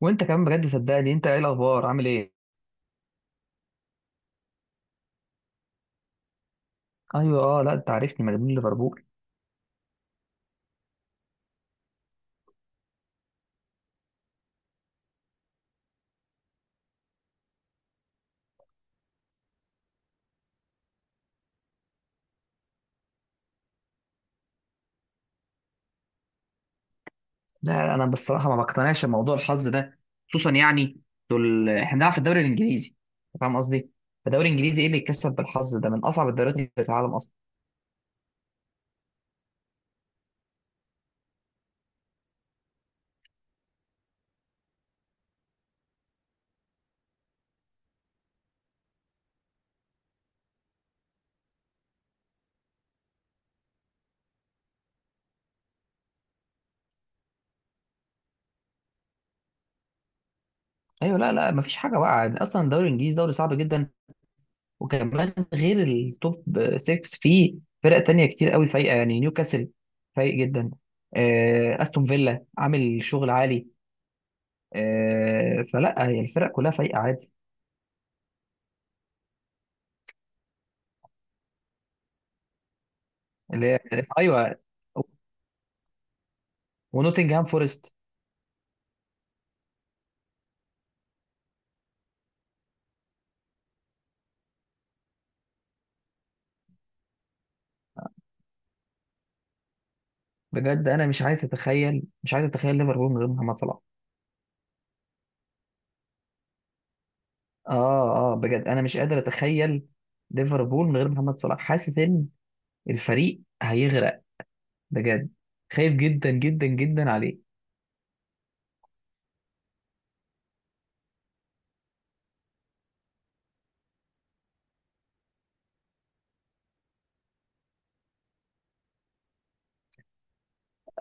وانت كمان، بجد صدقني، انت ايه الاخبار؟ عامل ايه؟ ايوه. اه لا، انت عارفني مجنون ليفربول. لا انا بصراحه ما بقتنعش بموضوع الحظ ده. خصوصا دول احنا بنلعب في الدوري الانجليزي، أنت فاهم قصدي. الدوري الانجليزي ايه اللي يتكسب بالحظ ده؟ من اصعب الدوريات اللي في العالم اصلا. ايوه. لا، ما فيش حاجه بقى اصلا، الدوري الانجليزي دوري صعب جدا. وكمان غير التوب 6، فيه فرق تانية كتير قوي فايقه، يعني نيوكاسل فايق جدا. استون فيلا عامل شغل عالي. فلا، هي الفرق كلها فايقه عادي. اللي هي، ايوه، ونوتنجهام فورست. بجد انا مش عايز اتخيل ليفربول من غير محمد صلاح. اه بجد انا مش قادر اتخيل ليفربول من غير محمد صلاح، حاسس ان الفريق هيغرق. بجد، خايف جدا جدا جدا عليه.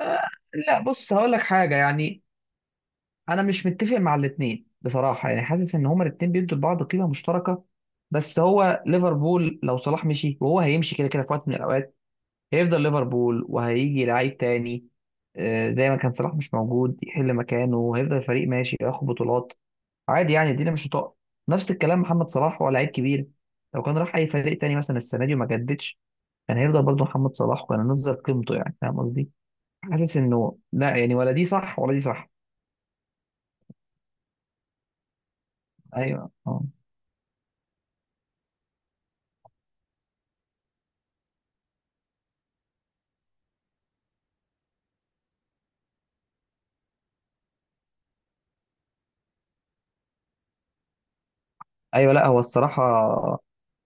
آه. لا بص، هقول لك حاجه يعني، انا مش متفق مع الاثنين بصراحه، يعني حاسس ان هما الاثنين بيدوا لبعض قيمه مشتركه. بس هو ليفربول لو صلاح مشي، وهو هيمشي كده كده في وقت من الاوقات، هيفضل ليفربول وهيجي لعيب تاني، زي ما كان صلاح مش موجود يحل مكانه، وهيفضل الفريق ماشي ياخد بطولات عادي. يعني الدنيا مش هتقع. نفس الكلام محمد صلاح، هو لعيب كبير، لو كان راح اي فريق تاني مثلا السنه دي وما جددش، كان هيفضل برضه محمد صلاح، وكان هنفضل قيمته، يعني فاهم قصدي. حاسس انه لا يعني، ولا دي صح ولا دي صح. ايوه. آه. ايوه. لا هو الصراحه،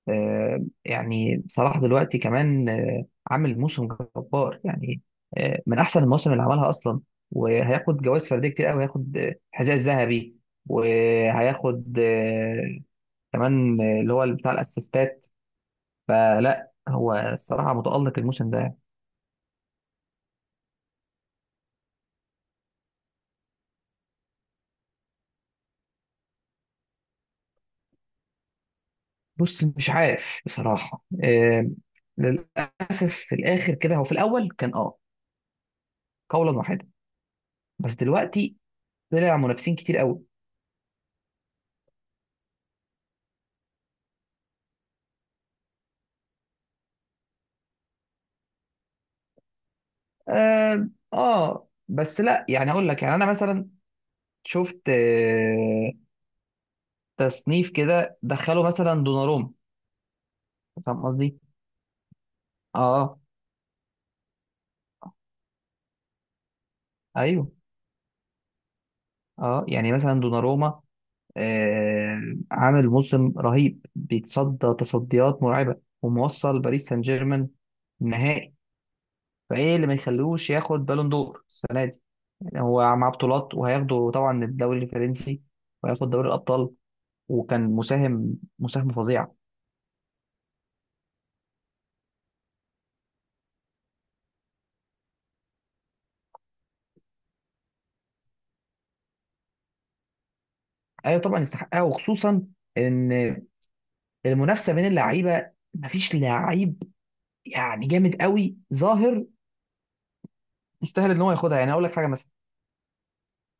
آه، يعني صلاح دلوقتي كمان عامل موسم جبار يعني، من احسن المواسم اللي عملها اصلا. وهياخد جوائز فرديه كتير قوي، هياخد الحذاء الذهبي، وهياخد آه، كمان آه، اللي هو بتاع الاسيستات. فلا هو الصراحه متالق الموسم ده. بص مش عارف بصراحه، للاسف في الاخر كده، هو في الاول كان قولا واحدا، بس دلوقتي طلع منافسين كتير قوي. بس لا، يعني اقول لك يعني، انا مثلا شفت تصنيف كده، دخلوا مثلا دوناروما، فاهم قصدي. اه. ايوه. اه يعني مثلا دوناروما آه، عامل موسم رهيب، بيتصدى تصديات مرعبه، وموصل باريس سان جيرمان نهائي. فايه اللي ما يخليهوش ياخد بالون دور السنه دي؟ يعني هو مع بطولات، وهياخده طبعا الدوري الفرنسي، وهياخد دوري الابطال، وكان مساهم مساهمه فظيعه. ايوه طبعا يستحقها. وخصوصا ان المنافسه بين اللعيبه، مفيش لعيب يعني جامد قوي ظاهر يستاهل ان هو ياخدها. يعني اقول لك حاجه، مثلا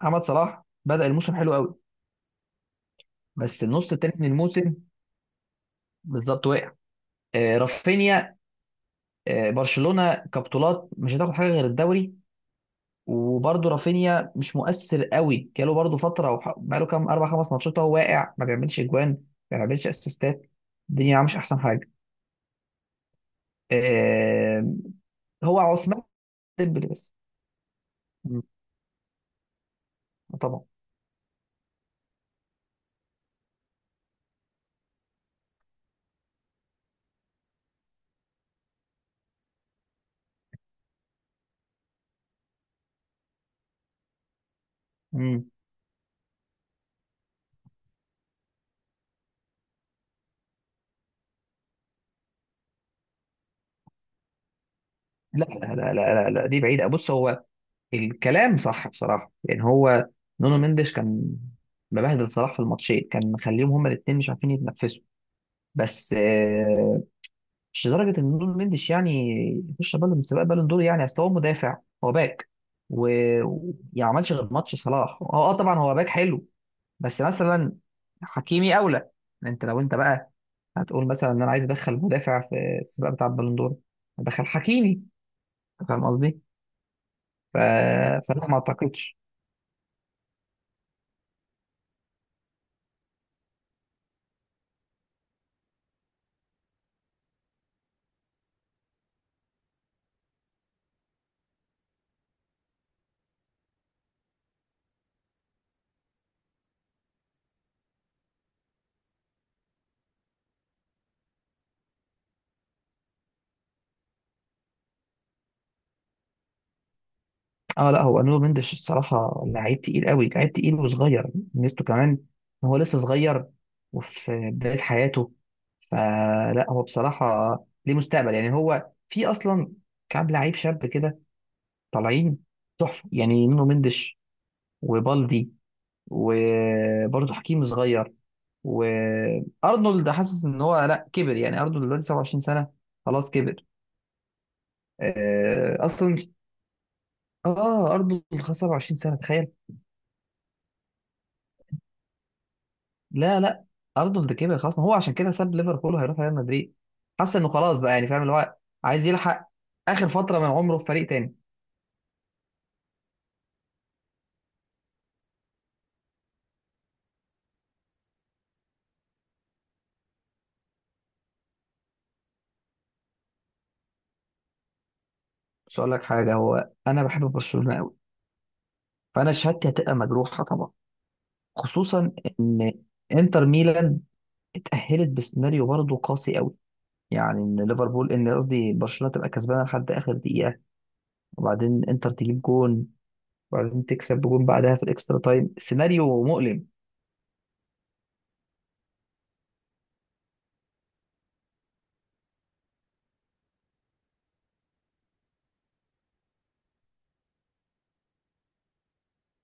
محمد صلاح بدأ الموسم حلو قوي، بس النص التاني من الموسم بالظبط وقع. رافينيا، برشلونه كبطولات مش هتاخد حاجه غير الدوري. وبرده رافينيا مش مؤثر قوي، جاله برده فتره، بقاله كام، اربع خمس ماتشات هو واقع، ما بيعملش اجوان، ما بيعملش اسيستات، الدنيا معاه مش احسن حاجه. آه، هو عثمان ديمبلي بس. طبعا. مم. لا لا لا لا لا، دي بعيدة. بص، هو الكلام صح بصراحة، يعني هو نونو مندش كان مبهدل صلاح في الماتشين، كان مخليهم هما الاثنين مش عارفين يتنفسوا. بس مش لدرجة ان نونو مندش يعني يخش بالون من سباق بالون دور. يعني اصل هو مدافع، هو باك، وما عملش غير ماتش صلاح، هو طبعا هو باك حلو، بس مثلا حكيمي اولى. انت لو انت بقى هتقول مثلا ان انا عايز ادخل مدافع في السباق بتاع البالون دور، ادخل حكيمي، فاهم قصدي. ف... فلا ما اعتقدش. اه لا هو نونو مندش الصراحه لعيب تقيل قوي، لعيب تقيل وصغير. ميزته كمان ان هو لسه صغير وفي بدايه حياته، فلا هو بصراحه ليه مستقبل. يعني هو في اصلا كام لعيب شاب كده طالعين تحفه، يعني نونو مندش، وبالدي، وبرضه حكيم صغير. وارنولد، حاسس ان هو لا كبر، يعني ارنولد دلوقتي 27 سنه، خلاص كبر. اصلا اه ارنولد خلاص 27 سنه، تخيل. لا لا، ارنولد كبر خلاص، ما هو عشان كده ساب ليفربول وهيروح ريال مدريد. حس انه خلاص بقى، يعني فاهم، اللي هو عايز يلحق اخر فتره من عمره في فريق تاني. بس اقول لك حاجه، هو انا بحب برشلونه قوي، فانا شهادتي هتبقى مجروحه طبعا. خصوصا ان انتر ميلان اتاهلت بسيناريو برضه قاسي قوي، يعني ان ليفربول ان قصدي برشلونه تبقى كسبانه لحد اخر دقيقه، وبعدين انتر تجيب جون، وبعدين تكسب بجون بعدها في الاكسترا تايم. سيناريو مؤلم.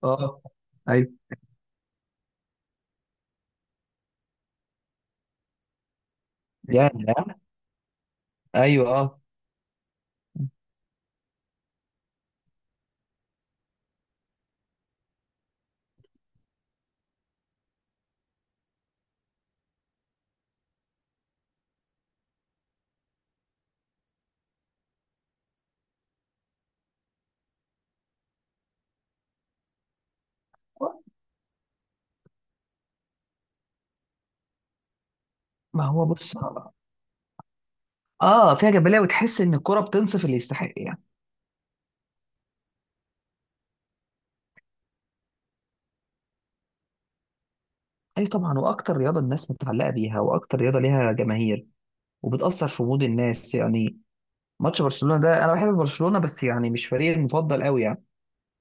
اه يعني. ايوه. اه. ما هو بص، اه فيها جبليه، وتحس ان الكره بتنصف اللي يستحق يعني. اي طبعا، واكتر رياضه الناس متعلقه بيها، واكتر رياضه ليها جماهير، وبتاثر في مود الناس يعني. ماتش برشلونه ده، انا بحب برشلونه بس يعني مش فريقي المفضل قوي يعني،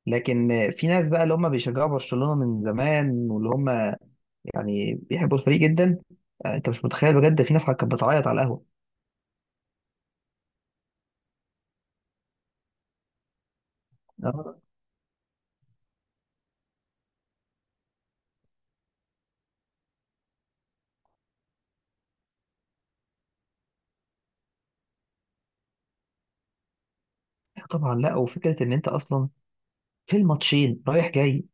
لكن في ناس بقى اللي هم بيشجعوا برشلونه من زمان، واللي هم يعني بيحبوا الفريق جدا. انت مش متخيل بجد، في ناس كانت بتعيط على القهوه. آه، طبعا. لا، وفكره ان انت اصلا في الماتشين رايح جاي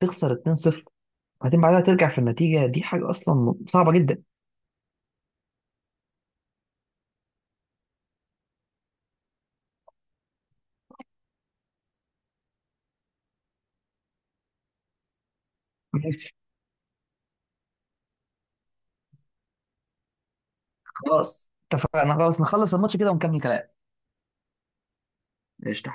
تخسر 2-0، بعدين بعدها ترجع في النتيجة، دي حاجة أصلا صعبة جدا. ماشي. خلاص اتفقنا، خلاص نخلص الماتش كده ونكمل كلام. قشطة.